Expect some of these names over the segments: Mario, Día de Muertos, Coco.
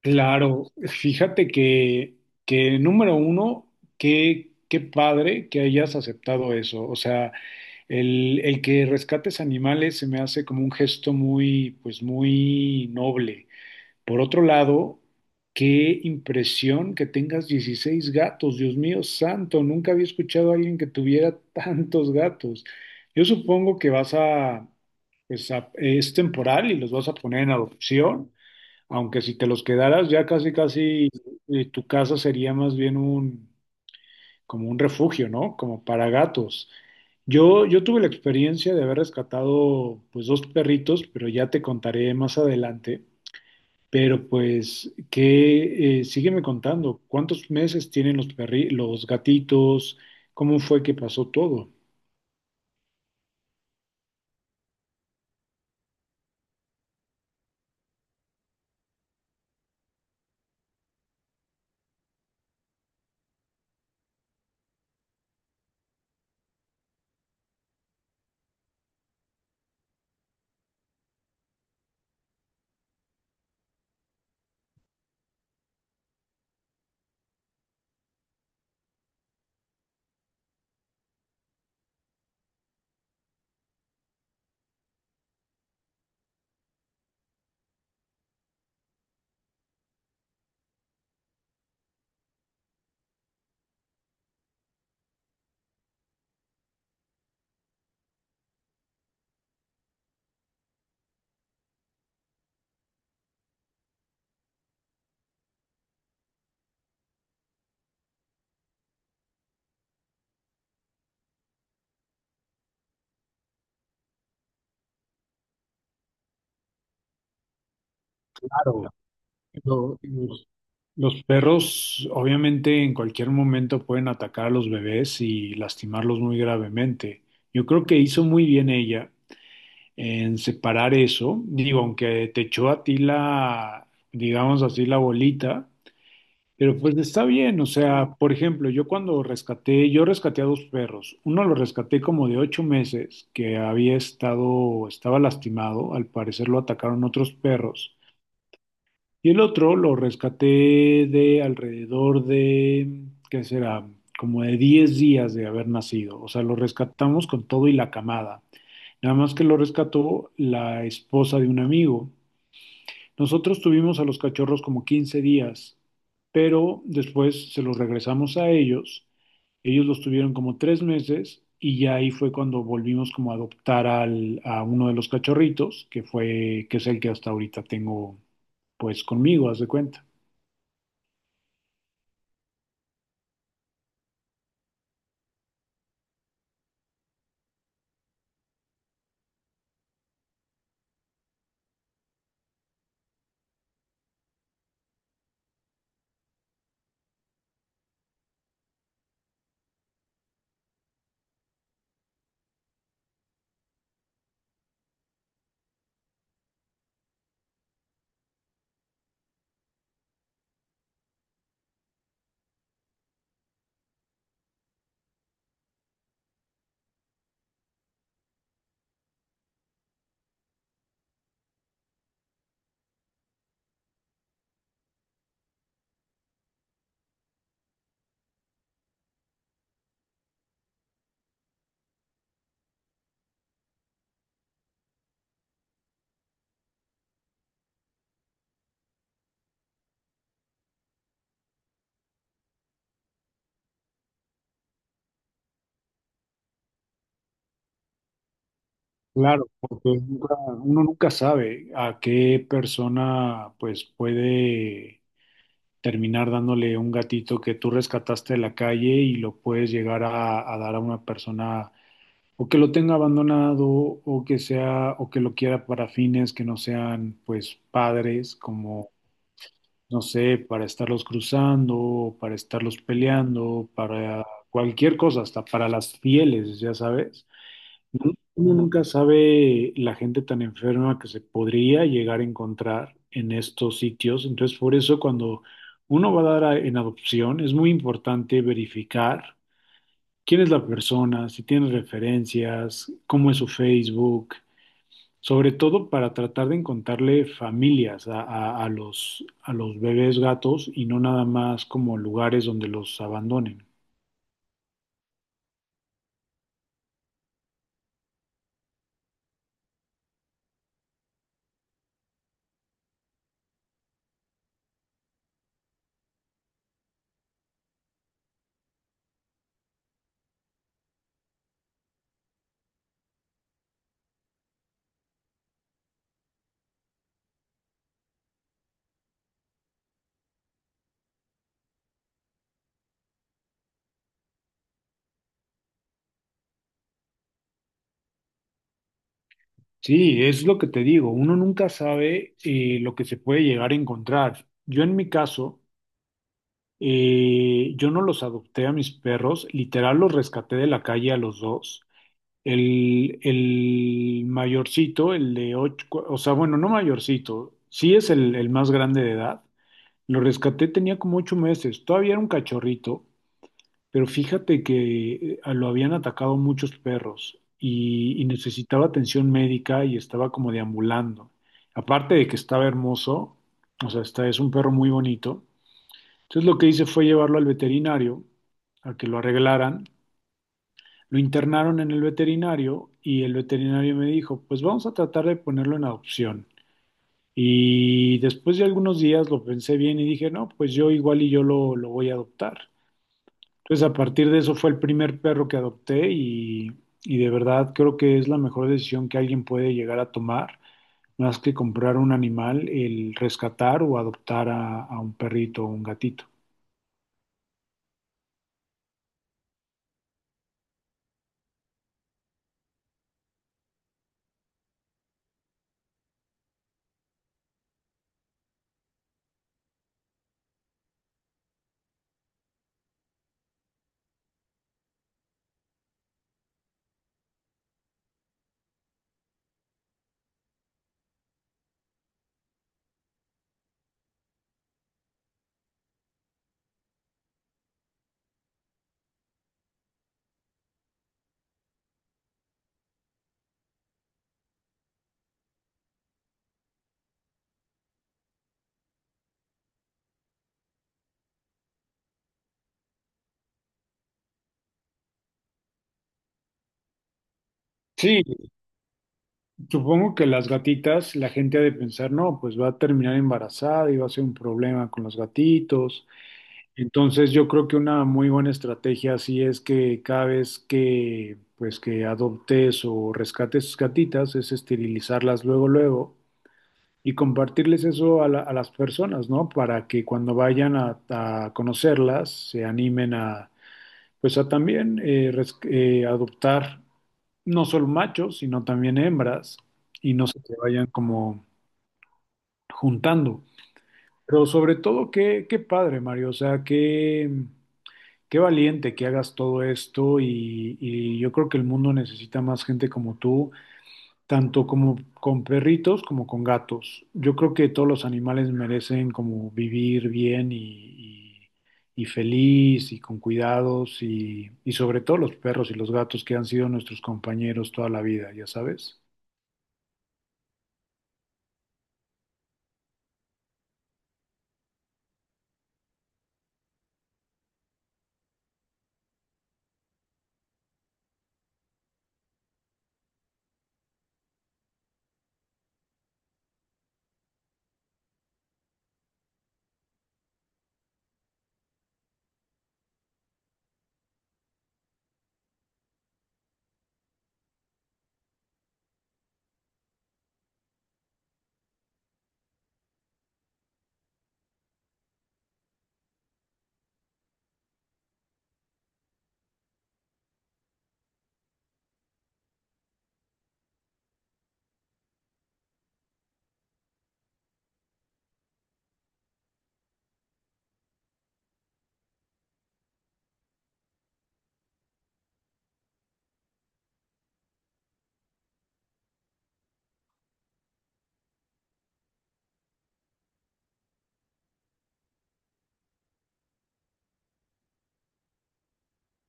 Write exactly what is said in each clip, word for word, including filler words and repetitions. Claro, fíjate que, que número uno, qué, qué padre que hayas aceptado eso. O sea, el, el que rescates animales se me hace como un gesto muy, pues muy noble. Por otro lado, qué impresión que tengas dieciséis gatos. Dios mío santo, nunca había escuchado a alguien que tuviera tantos gatos. Yo supongo que vas a, pues a- es temporal y los vas a poner en adopción. Aunque si te los quedaras ya casi casi eh, tu casa sería más bien un como un refugio, ¿no? Como para gatos. Yo yo tuve la experiencia de haber rescatado pues dos perritos, pero ya te contaré más adelante. Pero pues que eh, sígueme contando, ¿cuántos meses tienen los perri los gatitos? ¿Cómo fue que pasó todo? Claro, lo- los, los perros, obviamente, en cualquier momento pueden atacar a los bebés y lastimarlos muy gravemente. Yo creo que hizo muy bien ella en separar eso. Digo, aunque te echó a ti la, digamos así, la bolita, pero pues está bien. O sea, por ejemplo, yo cuando rescaté, yo rescaté a dos perros. Uno lo rescaté como de ocho meses, que había estado, estaba lastimado. Al parecer lo atacaron otros perros. Y el otro lo rescaté de alrededor de, ¿qué será? Como de diez días de haber nacido. O sea, lo rescatamos con todo y la camada. Nada más que lo rescató la esposa de un amigo. Nosotros tuvimos a los cachorros como quince días, pero después se los regresamos a ellos. Ellos los tuvieron como tres meses y ya ahí fue cuando volvimos como a adoptar al- a uno de los cachorritos, que fue, que es el que hasta ahorita tengo pues conmigo, haz de cuenta. Claro, porque nunca- uno nunca sabe a qué persona pues puede terminar dándole un gatito que tú rescataste de la calle y lo puedes llegar a, a dar a una persona o que lo tenga abandonado o que sea o que lo quiera para fines que no sean pues padres como no sé, para estarlos cruzando, para estarlos peleando, para cualquier cosa, hasta para las fieles, ya sabes. Uno nunca sabe la gente tan enferma que se podría llegar a encontrar en estos sitios. Entonces, por eso cuando uno va a dar a- en adopción, es muy importante verificar quién es la persona, si tiene referencias, cómo es su Facebook, sobre todo para tratar de encontrarle familias a, a- a los, a los bebés gatos y no nada más como lugares donde los abandonen. Sí, es lo que te digo, uno nunca sabe eh, lo que se puede llegar a encontrar. Yo en mi caso, eh, yo no los adopté a mis perros, literal los rescaté de la calle a los dos. El, el mayorcito, el de ocho, cu- o sea, bueno, no mayorcito, sí es el, el más grande de edad. Lo rescaté, tenía como ocho meses, todavía era un cachorrito. Pero fíjate que eh, lo habían atacado muchos perros y, y necesitaba atención médica y estaba como deambulando. Aparte de que estaba hermoso, o sea, está, es un perro muy bonito. Entonces lo que hice fue llevarlo al veterinario a que lo arreglaran. Lo internaron en el veterinario y el veterinario me dijo, pues vamos a tratar de ponerlo en adopción. Y después de algunos días lo pensé bien y dije, no, pues yo igual y yo lo, lo voy a adoptar. Entonces, a partir de eso fue el primer perro que adopté y, y de verdad creo que es la mejor decisión que alguien puede llegar a tomar, más que comprar un animal, el rescatar o adoptar a, a un perrito o un gatito. Sí, supongo que las gatitas, la gente ha de pensar, no, pues va a terminar embarazada y va a ser un problema con los gatitos. Entonces, yo creo que una muy buena estrategia así es que cada vez que pues que adoptes o rescates gatitas es esterilizarlas luego luego y compartirles eso a, la- a las personas, ¿no? Para que cuando vayan a, a conocerlas se animen a, pues a también eh, res- eh, adoptar no solo machos, sino también hembras y no se te vayan como juntando. Pero sobre todo, qué, qué padre, Mario, o sea, qué, qué valiente que hagas todo esto y, y yo creo que el mundo necesita más gente como tú tanto como con perritos como con gatos. Yo creo que todos los animales merecen como vivir bien y, y- y feliz y con cuidados y, y sobre todo los perros y los gatos que han sido nuestros compañeros toda la vida, ya sabes.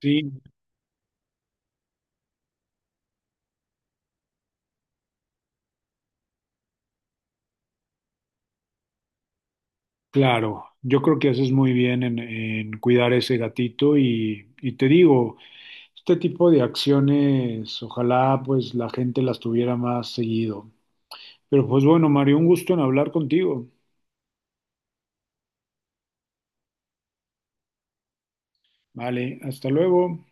Sí, claro. Yo creo que haces muy bien en, en cuidar ese gatito y, y te digo, este tipo de acciones, ojalá pues la gente las tuviera más seguido. Pero pues bueno, Mario, un gusto en hablar contigo. Vale, hasta luego.